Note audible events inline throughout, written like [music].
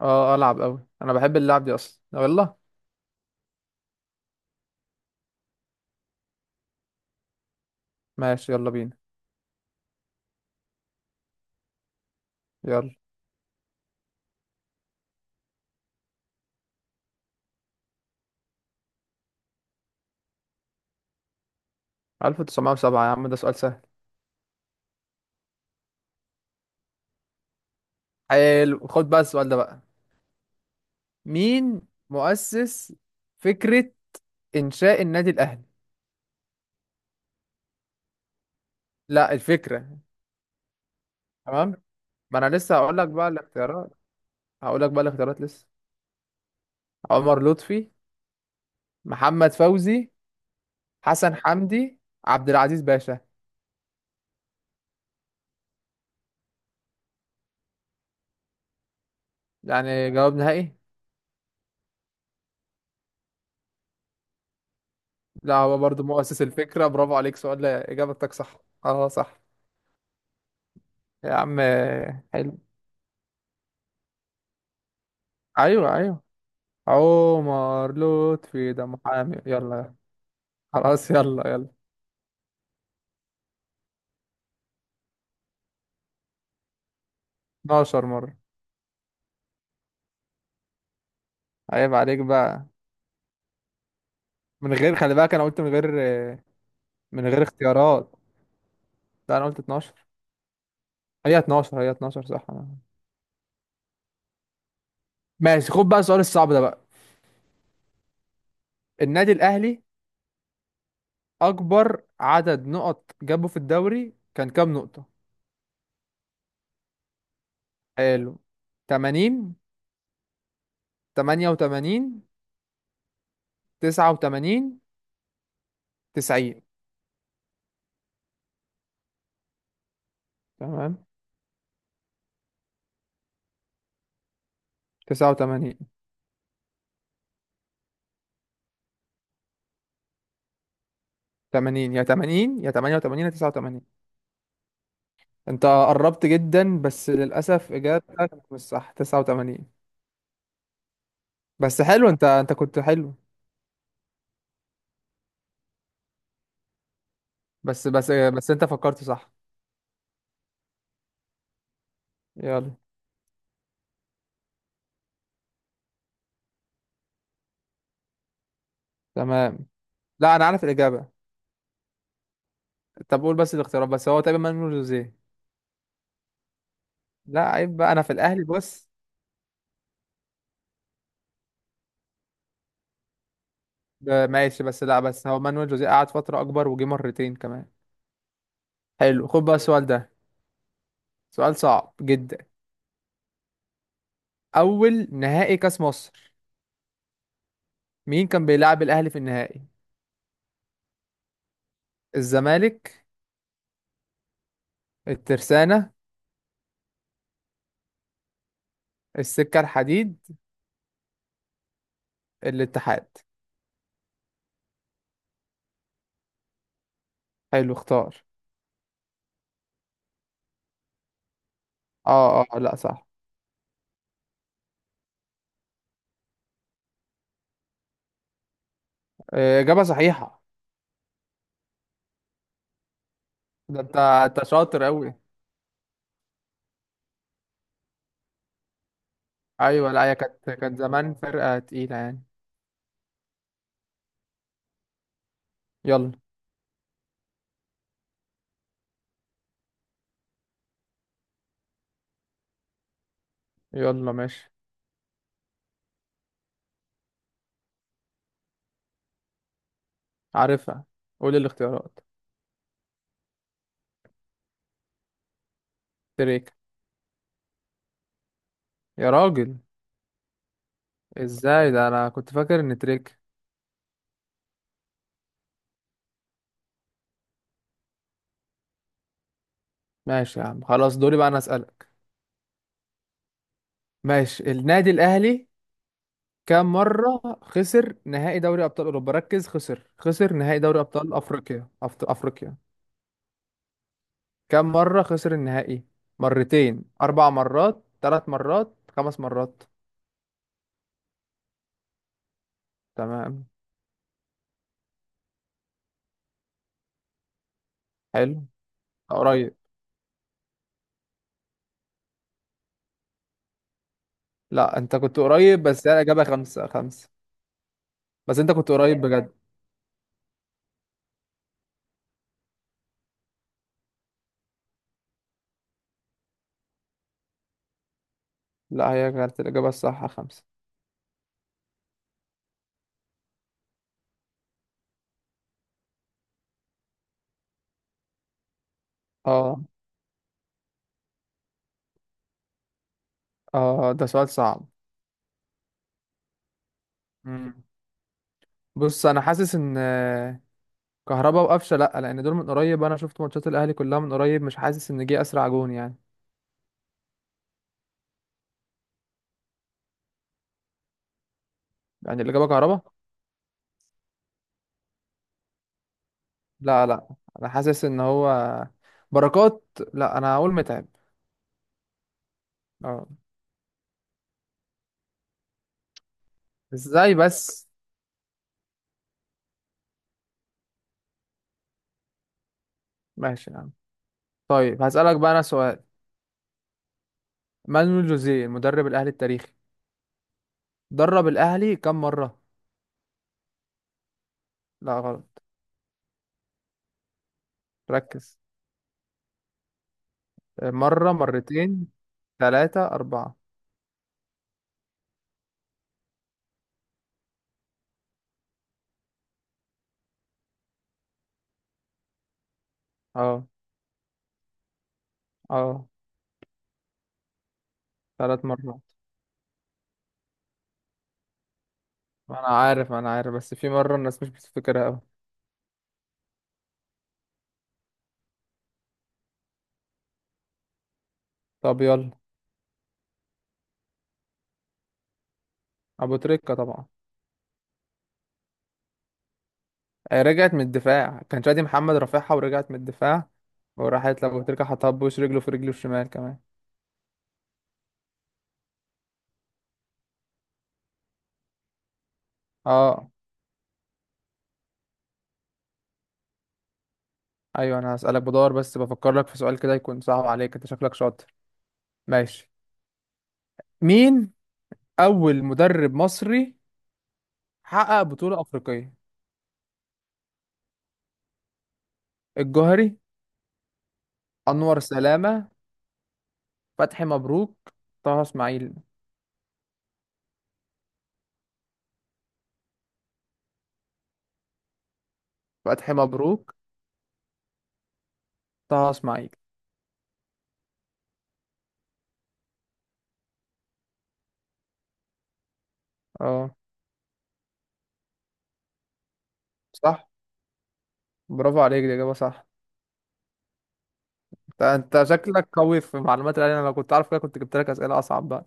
اه العب قوي انا بحب اللعب دي اصلا يلا. ماشي يلا بينا. يلا، 1907، يا عم ده سؤال سهل. حلو، خد بقى السؤال ده بقى. مين مؤسس فكرة إنشاء النادي الأهلي؟ لا الفكرة. تمام، ما انا لسه هقول لك بقى الاختيارات. هقول لك بقى الاختيارات لسه. عمر لطفي، محمد فوزي، حسن حمدي، عبد العزيز باشا. يعني جواب نهائي؟ لا هو برضو مؤسس الفكرة، برافو عليك. سؤال؟ لا إجابتك صح. اه صح. يا عم حلو. ايوه ايوه، عمر لطفي ده محامي. يلا خلاص يلا يلا. 12 مرة. عيب عليك بقى. من غير، خلي بالك انا قلت من غير، من غير اختيارات. لا انا قلت 12. هي 12 هي 12 صح أنا. ماشي، خد بقى السؤال الصعب ده بقى. النادي الاهلي اكبر عدد نقط جابه في الدوري كان كام نقطة؟ حلو. 80، 88، 89، 90. تمام. 89. 80، يا 80 يا 88 يا 89. انت قربت جدا، بس للأسف إجابتك مش صح، 89. بس حلو، انت كنت حلو. بس بس بس انت فكرت صح. يلا. تمام. لا انا عارف الإجابة. طب قول بس الاختيارات، بس هو تقريبا مانويل جوزيه. لا عيب بقى، انا في الأهلي بص. ماشي، بس لا، بس هو مانويل جوزيه قعد فترة أكبر وجه مرتين كمان. حلو، خد بقى السؤال ده. سؤال صعب جدا. أول نهائي كأس مصر، مين كان بيلعب الأهلي في النهائي؟ الزمالك، الترسانة، السكة الحديد، الاتحاد. حلو، اختار. اه اه، لا صح. اجابه صحيحه. ده انت شاطر قوي. ايوه، لا هي كانت كانت زمان فرقه تقيله يعني. يلا. يلا ماشي. عارفها. قول الاختيارات. تريك. يا راجل. ازاي، ده انا كنت فاكر ان تريك. ماشي يا عم، خلاص دوري بقى انا اسالك. ماشي، النادي الاهلي كام مره خسر نهائي دوري ابطال اوروبا، ركز، خسر، خسر نهائي دوري ابطال افريقيا، افريقيا. كم مرة خسر النهائي؟ مرتين، أربع مرات، ثلاث مرات، خمس مرات. تمام. حلو. قريب. لا أنت كنت قريب، بس هي الإجابة خمسة. خمسة. بس أنت كنت قريب بجد. لا هي كانت الإجابة الصح خمسة. اه اه ده سؤال صعب. مم. بص أنا حاسس إن، كهربا وقفشة لا، لأن دول من قريب أنا شفت ماتشات الأهلي كلها من قريب، مش حاسس إن جه أسرع جون يعني. يعني الإجابة كهربا. لا لا، أنا حاسس إن هو بركات. لا أنا هقول متعب. اه. ازاي بس. ماشي يا عم. طيب هسألك بقى انا سؤال. مانويل جوزيه المدرب الاهلي التاريخي درب الاهلي كم مرة؟ لا غلط. ركز. مرة، مرتين، ثلاثة، أربعة. اه. اه ثلاث مرات. ما انا عارف ما انا عارف، بس في مرة الناس مش بتفتكرها اوي. طب يلا. ابو تريكة طبعا. رجعت من الدفاع، كان شادي محمد رافعها ورجعت من الدفاع وراحت لابو تريكة، حطها بوش رجله في رجله الشمال كمان. اه. ايوه، انا هسألك، بدور بس بفكر لك في سؤال كده يكون صعب عليك، انت شكلك شاطر. ماشي. مين اول مدرب مصري حقق بطولة افريقية؟ الجوهري، انور سلامة، فتحي مبروك، طه اسماعيل. فتحي مبروك، طه اسماعيل. اه صح، برافو عليك دي اجابة صح. انت انت شكلك قوي في معلومات العلم، انا لو كنت عارف كده كنت جبت لك اسئلة اصعب بقى.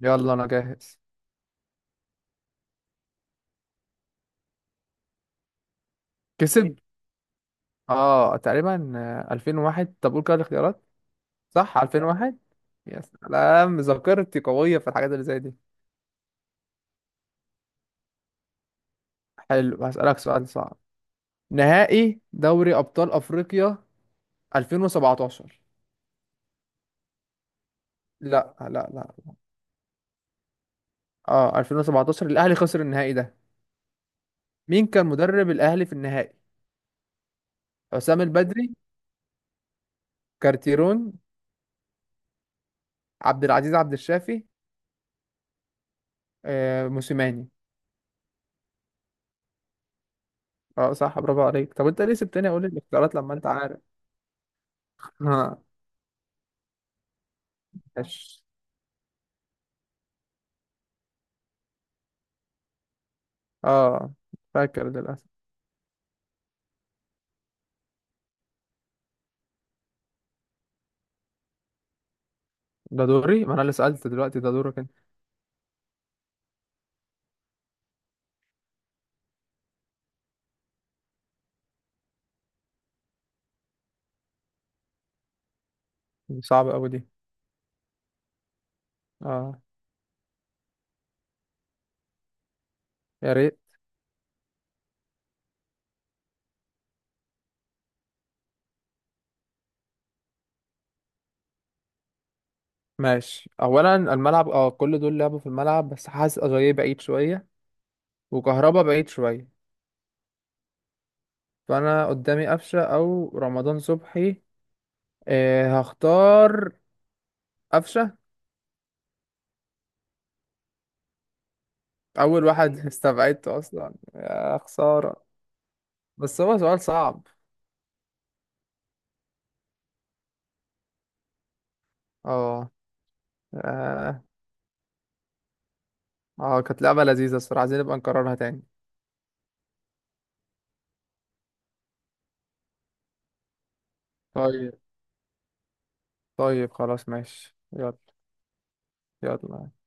يلا انا جاهز. كسب؟ اه تقريبا، 2001. طب قول كده الاختيارات. صح، 2001. يا سلام، ذاكرتي قوية في الحاجات اللي زي دي. حلو، هسألك سؤال صعب. نهائي دوري أبطال أفريقيا 2017. لا لا لا. اه 2017 الأهلي خسر النهائي ده. مين كان مدرب الأهلي في النهائي؟ حسام البدري، كارتيرون، عبد العزيز عبد الشافي، آه موسيماني. اه صح برافو عليك. طب انت ليه سبتني اقول الاختيارات لما انت عارف؟ اه. ماشي. اه فاكر للأسف. ده دوري، ما انا اللي سألت دلوقتي، ده دورك. انت صعب قوي دي. اه. يا ريت. ماشي، اولا الملعب، اه كل دول لعبوا في الملعب، بس حاسس اجاييه بعيد شويه وكهربا بعيد شويه، فانا قدامي قفشه او رمضان صبحي. إيه، هختار قفشه. اول واحد [laughs] استبعدته اصلا يا خساره. بس هو سؤال صعب. اه اه. كانت لعبه لذيذه الصراحه، عايزين نبقى نكررها تاني. طيب. طيب خلاص ماشي، يلا. يلا.